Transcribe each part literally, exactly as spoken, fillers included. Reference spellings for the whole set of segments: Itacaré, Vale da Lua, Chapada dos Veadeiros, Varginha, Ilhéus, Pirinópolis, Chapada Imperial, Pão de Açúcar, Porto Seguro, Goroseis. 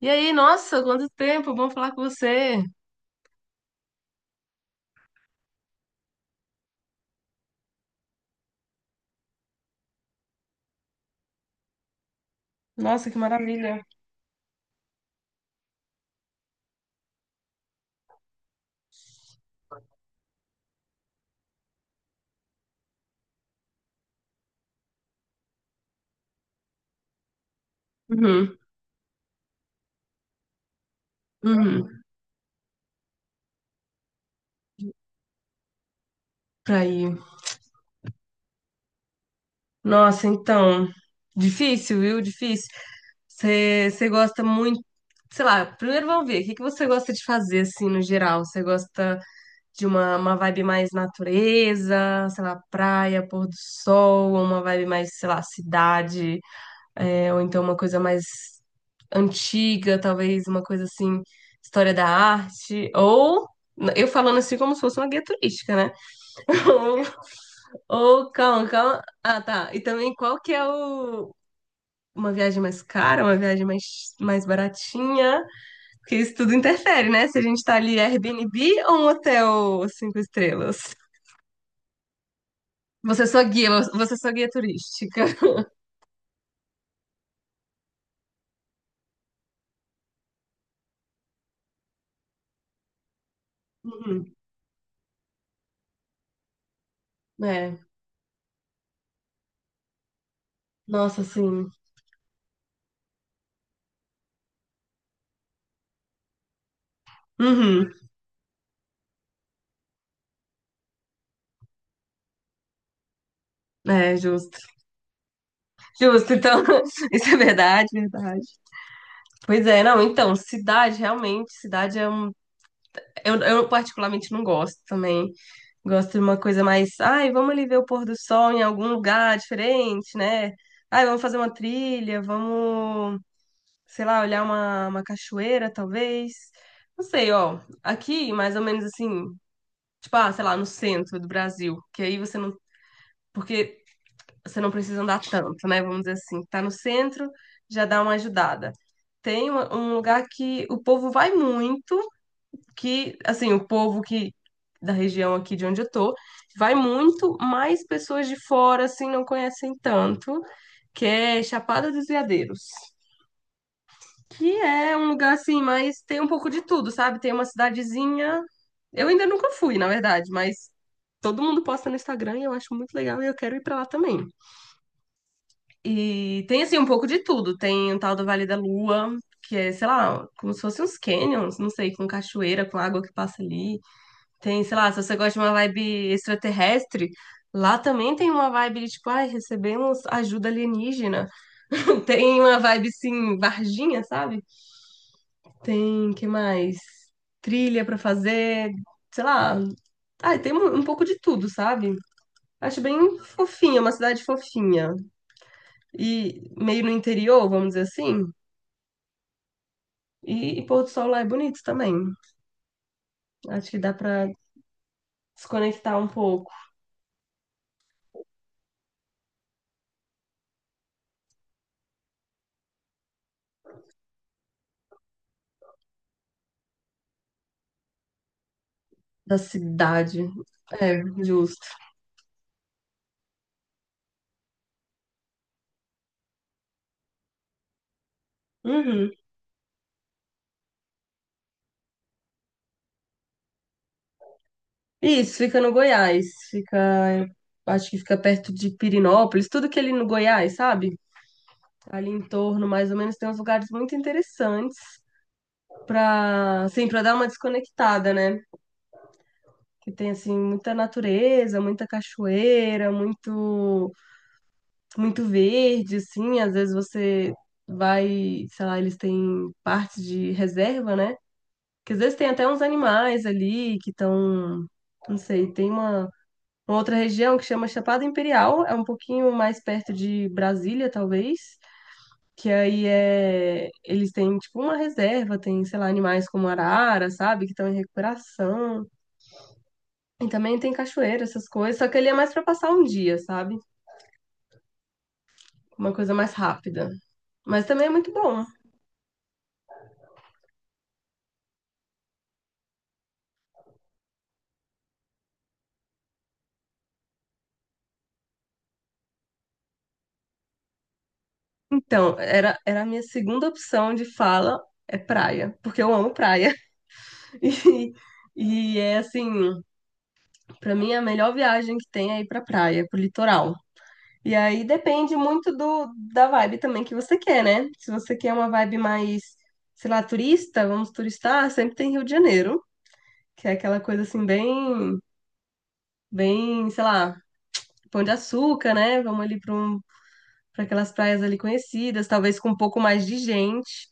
E aí, nossa, quanto tempo, bom falar com você. Nossa, que maravilha. Uhum, uhum. Aí, nossa, então, difícil, viu? Difícil. Você você gosta muito, sei lá, primeiro vamos ver, o que que você gosta de fazer, assim, no geral? Você gosta de uma, uma vibe mais natureza, sei lá, praia, pôr do sol, ou uma vibe mais, sei lá, cidade, é, ou então uma coisa mais antiga, talvez uma coisa assim, história da arte, ou eu falando assim como se fosse uma guia turística, né? Ou, ou calma, calma. Ah, tá. E também qual que é o uma viagem mais cara, uma viagem mais, mais baratinha, porque isso tudo interfere, né? Se a gente tá ali Airbnb ou um hotel cinco estrelas. Você é só guia, você é só guia turística. Uhum. É, nossa, sim. Uhum. É, justo. Justo, então, isso é verdade, verdade. Pois é, não, então, cidade, realmente, cidade é um. Eu, eu particularmente não gosto também. Gosto de uma coisa mais. Ai, vamos ali ver o pôr do sol em algum lugar diferente, né? Ai, vamos fazer uma trilha, vamos, sei lá, olhar uma, uma cachoeira, talvez. Não sei, ó. Aqui, mais ou menos assim, tipo, ah, sei lá, no centro do Brasil. Que aí você não. Porque você não precisa andar tanto, né? Vamos dizer assim. Tá no centro, já dá uma ajudada. Tem uma- um lugar que o povo vai muito, que, assim, o povo que da região aqui de onde eu tô, vai muito, mas pessoas de fora, assim, não conhecem tanto, que é Chapada dos Veadeiros, que é um lugar, assim, mas tem um pouco de tudo, sabe? Tem uma cidadezinha, eu ainda nunca fui, na verdade, mas todo mundo posta no Instagram e eu acho muito legal e eu quero ir pra lá também. E tem, assim, um pouco de tudo, tem o tal do Vale da Lua, que é, sei lá, como se fossem uns canyons, não sei, com cachoeira, com água que passa ali. Tem, sei lá, se você gosta de uma vibe extraterrestre, lá também tem uma vibe de tipo, ai, recebemos ajuda alienígena. Tem uma vibe assim, Varginha, sabe? Tem, que mais? Trilha pra fazer, sei lá. Ai, tem um, um pouco de tudo, sabe? Acho bem fofinha, uma cidade fofinha. E meio no interior, vamos dizer assim. E, e pôr do sol lá é bonito também. Acho que dá pra desconectar um pouco da cidade. É, justo. Uhum. Isso, fica no Goiás. Fica, acho que fica perto de Pirinópolis, tudo que é ali no Goiás, sabe? Ali em torno, mais ou menos, tem uns lugares muito interessantes para, assim, para dar uma desconectada, né? Que tem assim muita natureza, muita cachoeira, muito muito verde, assim, às vezes você vai, sei lá, eles têm partes de reserva, né? Que às vezes tem até uns animais ali que estão, não sei, tem uma Uma outra região que chama Chapada Imperial, é um pouquinho mais perto de Brasília, talvez, que aí é eles têm tipo uma reserva, tem, sei lá, animais como arara, sabe, que estão em recuperação. E também tem cachoeira, essas coisas, só que ele é mais para passar um dia, sabe? Uma coisa mais rápida. Mas também é muito bom. Então, era, era a minha segunda opção de fala é praia, porque eu amo praia. E, e é assim, pra mim a melhor viagem que tem é ir pra praia, pro litoral. E aí depende muito do, da vibe também que você quer, né? Se você quer uma vibe mais, sei lá, turista, vamos turistar, sempre tem Rio de Janeiro, que é aquela coisa assim bem, bem, sei lá, Pão de Açúcar, né? Vamos ali para um, para aquelas praias ali conhecidas, talvez com um pouco mais de gente.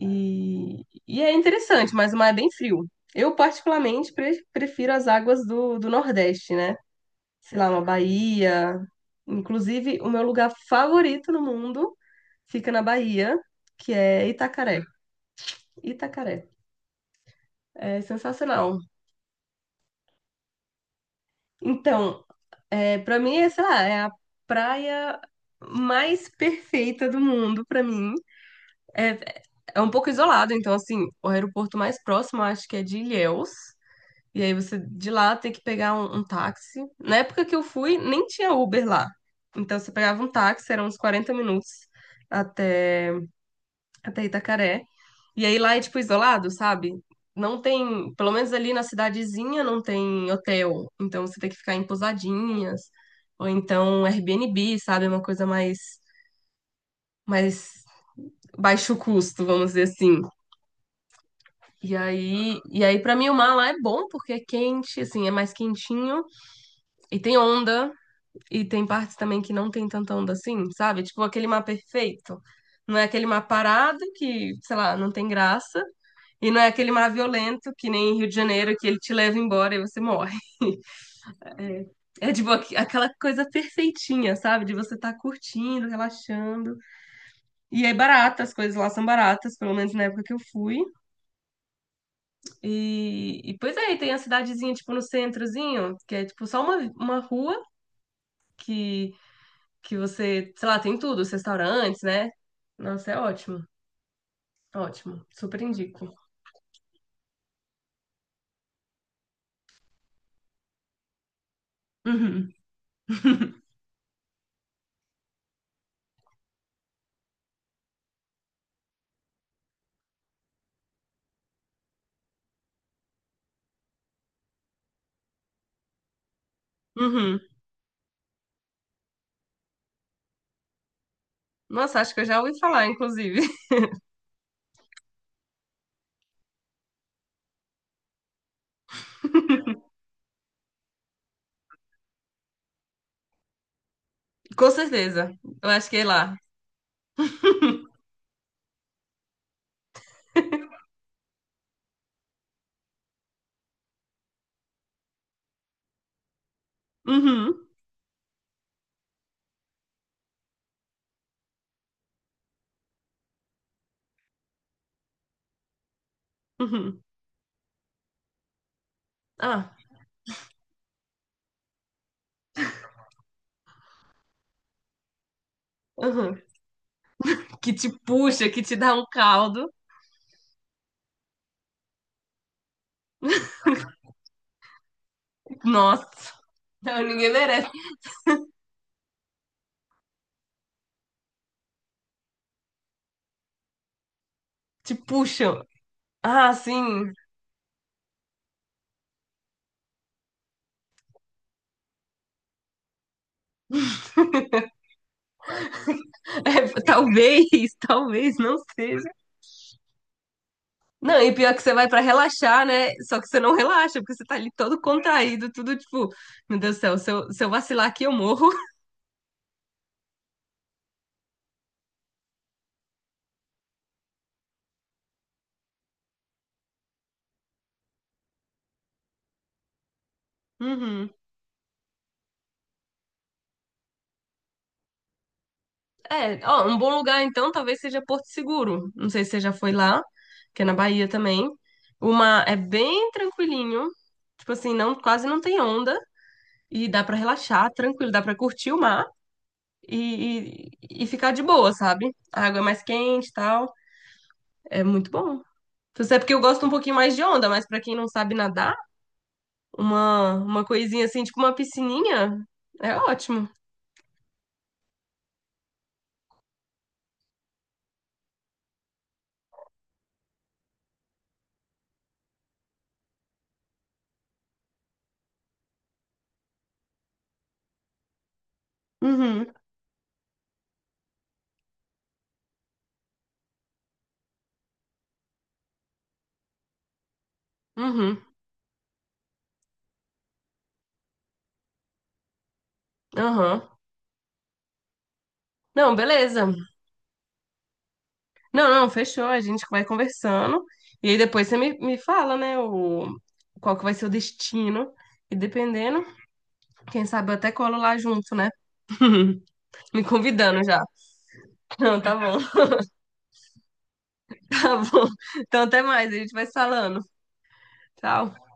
E, e é interessante, mas o mar é bem frio. Eu particularmente pre- prefiro as águas do, do Nordeste, né? Sei lá, uma Bahia. Inclusive, o meu lugar favorito no mundo fica na Bahia, que é Itacaré. Itacaré. É sensacional. Então, é, para mim, é, sei lá, é a praia mais perfeita do mundo para mim. É, é é um pouco isolado, então, assim, o aeroporto mais próximo eu acho que é de Ilhéus. E aí você de lá tem que pegar um, um táxi. Na época que eu fui, nem tinha Uber lá. Então você pegava um táxi, eram uns quarenta minutos até, até Itacaré. E aí lá é tipo isolado, sabe? Não tem, pelo menos ali na cidadezinha não tem hotel. Então você tem que ficar em pousadinhas, ou então Airbnb, sabe? É uma coisa mais, mais baixo custo, vamos dizer assim. E aí, e aí para mim o mar lá é bom porque é quente, assim, é mais quentinho. E tem onda, e tem partes também que não tem tanta onda assim, sabe? Tipo aquele mar perfeito. Não é aquele mar parado que, sei lá, não tem graça. E não é aquele mar violento que nem Rio de Janeiro que ele te leva embora e você morre. É tipo aqu- aquela coisa perfeitinha, sabe? De você estar curtindo, relaxando. E é barata, as coisas lá são baratas, pelo menos na época que eu fui. E, e pois é, e tem a cidadezinha, tipo, no centrozinho, que é tipo só uma, uma rua que, que você, sei lá, tem tudo, os restaurantes, né? Nossa, é ótimo. Ótimo, super indico. Uhum. Uhum. Nossa, acho que eu já ouvi falar, inclusive. Com certeza. Eu acho que é lá. Uhum. Uhum. Ah, uhum. Que te puxa, que te dá um caldo. Nossa, não, ninguém merece. Te puxam. Ah, sim. É, talvez, talvez não seja. Não, e pior que você vai pra relaxar, né? Só que você não relaxa, porque você tá ali todo contraído, tudo tipo, meu Deus do céu, se eu, se eu vacilar aqui, eu morro. Uhum. É, ó, um bom lugar então talvez seja Porto Seguro. Não sei se você já foi lá, que é na Bahia também. Uma é bem tranquilinho, tipo assim, não quase não tem onda e dá pra relaxar, tranquilo, dá pra curtir o mar e, e, e ficar de boa, sabe? A água é mais quente, e tal, é muito bom. Então, isso é porque eu gosto um pouquinho mais de onda, mas pra quem não sabe nadar, uma uma coisinha assim, tipo uma piscininha, é ótimo. Uhum, uhum, aham. Não, beleza. Não, não, fechou. A gente vai conversando. E aí depois você me, me fala, né, o, qual que vai ser o destino. E dependendo, quem sabe eu até colo lá junto, né? Me convidando já. Não, tá bom, tá bom. Então até mais, a gente vai se falando. Tchau.